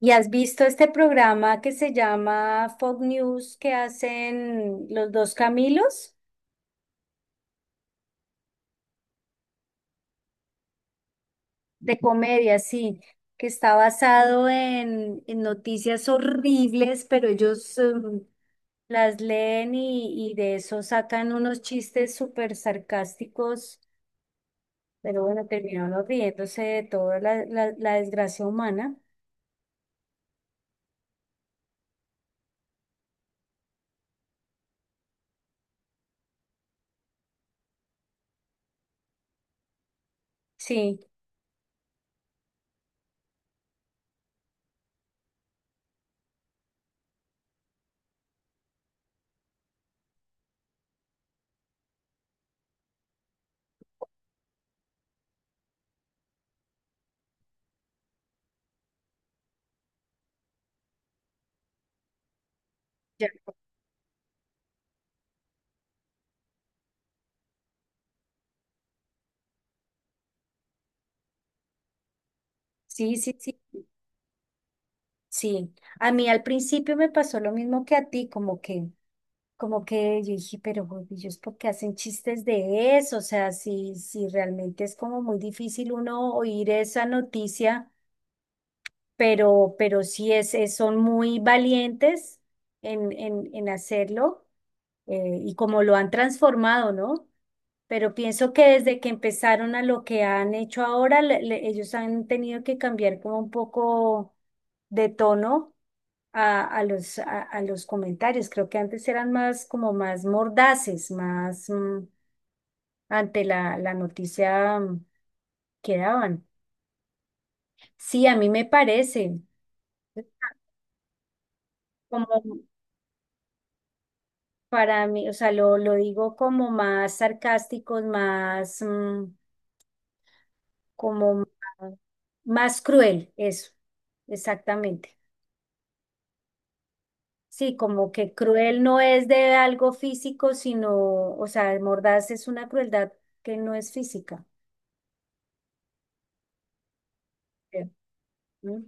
¿Y has visto este programa que se llama Fox News que hacen los dos Camilos? De comedia, sí, que está basado en noticias horribles, pero ellos las leen y de eso sacan unos chistes súper sarcásticos, pero bueno, terminaron riéndose de toda la desgracia humana. Sí, ya, sí, sí, sí, sí. A mí al principio me pasó lo mismo que a ti, como que... Como que yo dije, pero güey, ellos por qué hacen chistes de eso, o sea, si realmente es como muy difícil uno oír esa noticia, pero sí son muy valientes en hacerlo, y como lo han transformado, ¿no? Pero pienso que desde que empezaron a lo que han hecho ahora, ellos han tenido que cambiar como un poco de tono a, a los comentarios. Creo que antes eran más como más mordaces, más, ante la noticia que daban. Sí, a mí me parece como, para mí, o sea, lo digo como más sarcásticos, como más, más cruel, eso, exactamente. Sí, como que cruel no es de algo físico, sino, o sea, mordaz es una crueldad que no es física, creo, ¿no?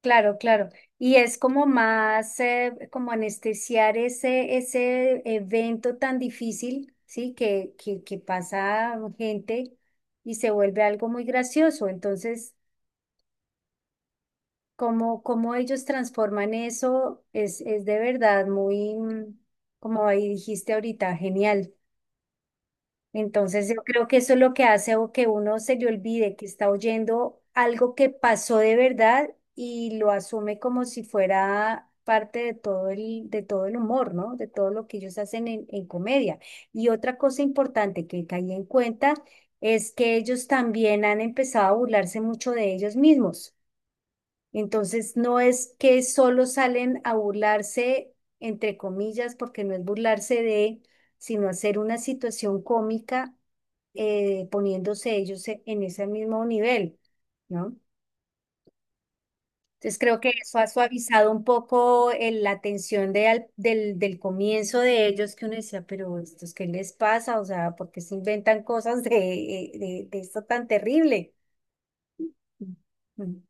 Claro, claro. Y es como más, como anestesiar ese evento tan difícil, ¿sí? Que pasa gente y se vuelve algo muy gracioso. Entonces, cómo ellos transforman eso es de verdad muy, como ahí dijiste ahorita, genial. Entonces yo creo que eso es lo que hace o que uno se le olvide que está oyendo algo que pasó de verdad y lo asume como si fuera parte de todo de todo el humor, ¿no? De todo lo que ellos hacen en comedia. Y otra cosa importante que caí en cuenta es que ellos también han empezado a burlarse mucho de ellos mismos. Entonces, no es que solo salen a burlarse, entre comillas, porque no es burlarse de, sino hacer una situación cómica, poniéndose en ese mismo nivel, ¿no? Entonces, creo que eso ha suavizado un poco la tensión del comienzo de ellos, que uno decía, pero ¿estos qué les pasa? O sea, ¿por qué se inventan cosas de, de esto tan terrible? Mm.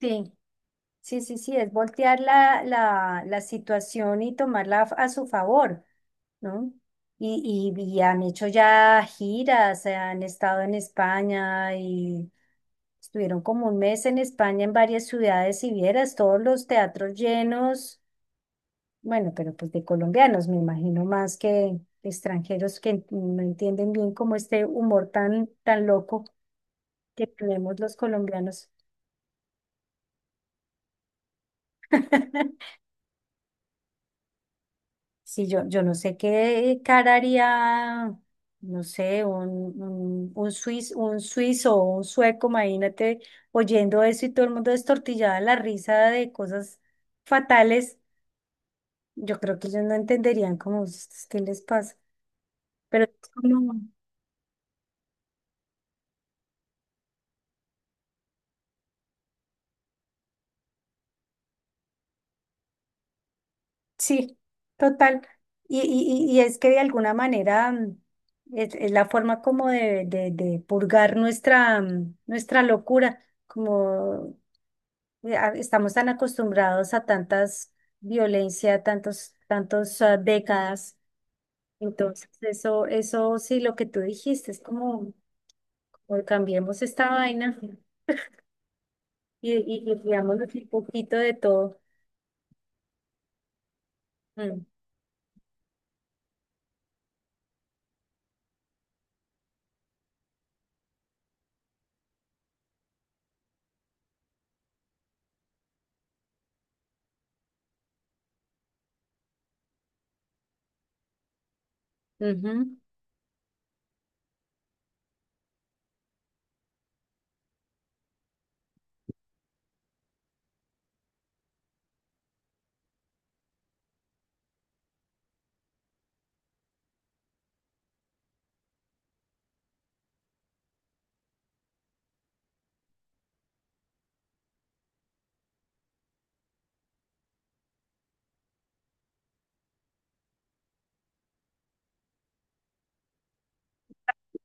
Sí. Sí, sí, sí, es voltear la situación y tomarla a su favor, ¿no? Y han hecho ya giras, han estado en España y estuvieron como un mes en España en varias ciudades y vieras todos los teatros llenos, bueno, pero pues de colombianos, me imagino más que de extranjeros que no entienden bien como este humor tan, tan loco que tenemos los colombianos. Sí, yo no sé qué cara haría, no sé, un suizo o un sueco, imagínate, oyendo eso y todo el mundo destortillado de la risa de cosas fatales. Yo creo que ellos no entenderían, como: "Ustedes, qué les pasa". Pero es como, sí, total. Y es que de alguna manera, es la forma como de purgar nuestra, nuestra locura, como, estamos tan acostumbrados a tantas violencia, tantos, ah, décadas. Entonces, eso sí, lo que tú dijiste, es como, como cambiemos esta vaina y, y digámosle un poquito de todo. Mm, ujú.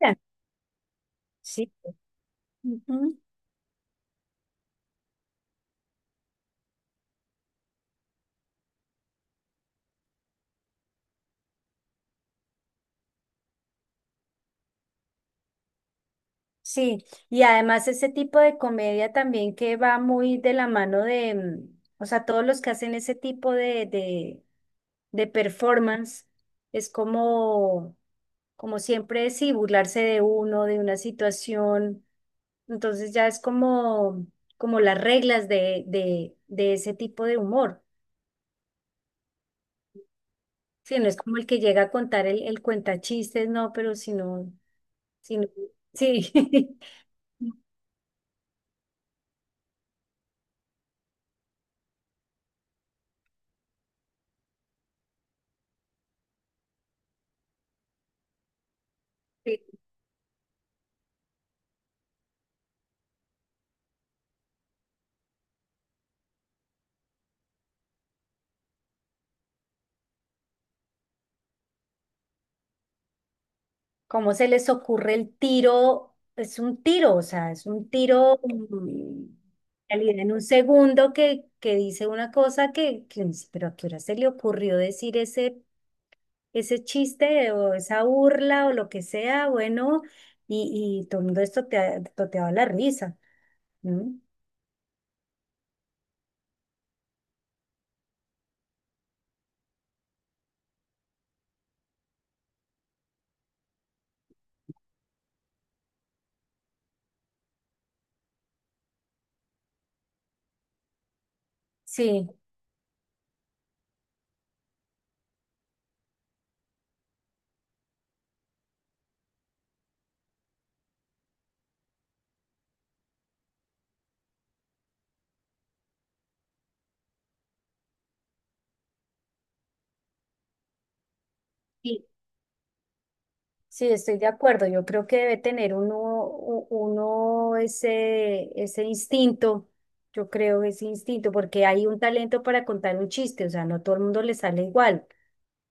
Ya, sí, ujú. Sí, y además ese tipo de comedia también que va muy de la mano de, o sea, todos los que hacen ese tipo de performance, es como, como siempre, sí, burlarse de uno, de una situación. Entonces ya es como, como las reglas de ese tipo de humor. Sí, no es como el que llega a contar el cuentachistes, no, pero sino, sino, sí. Sí. ¿Cómo se les ocurre el tiro? Es un tiro, o sea, es un tiro, en realidad en un segundo que dice una cosa que uno dice, pero ¿a qué hora se le ocurrió decir ese chiste o esa burla o lo que sea, bueno, y todo el mundo esto te ha toteado a la risa, ¿no? Sí, sí, sí, estoy de acuerdo. Yo creo que debe tener uno, uno ese, ese instinto. Yo creo ese instinto, porque hay un talento para contar un chiste, o sea, no todo el mundo le sale igual,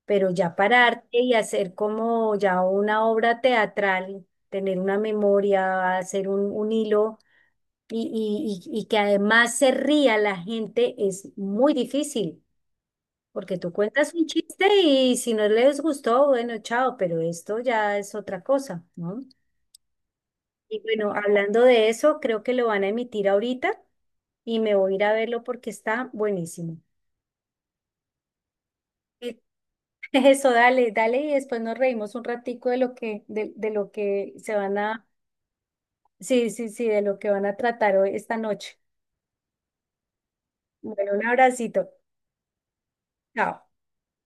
pero ya pararte y hacer como ya una obra teatral, tener una memoria, hacer un hilo y que además se ría la gente es muy difícil, porque tú cuentas un chiste y si no les gustó, bueno, chao, pero esto ya es otra cosa, ¿no? Y bueno, hablando de eso, creo que lo van a emitir ahorita y me voy a ir a verlo porque está buenísimo. Eh. Eso, dale, dale, y después nos reímos un ratico de lo que, de lo que se van a, sí, sí, sí, de lo que van a tratar hoy esta noche. Bueno, un abracito. Chao.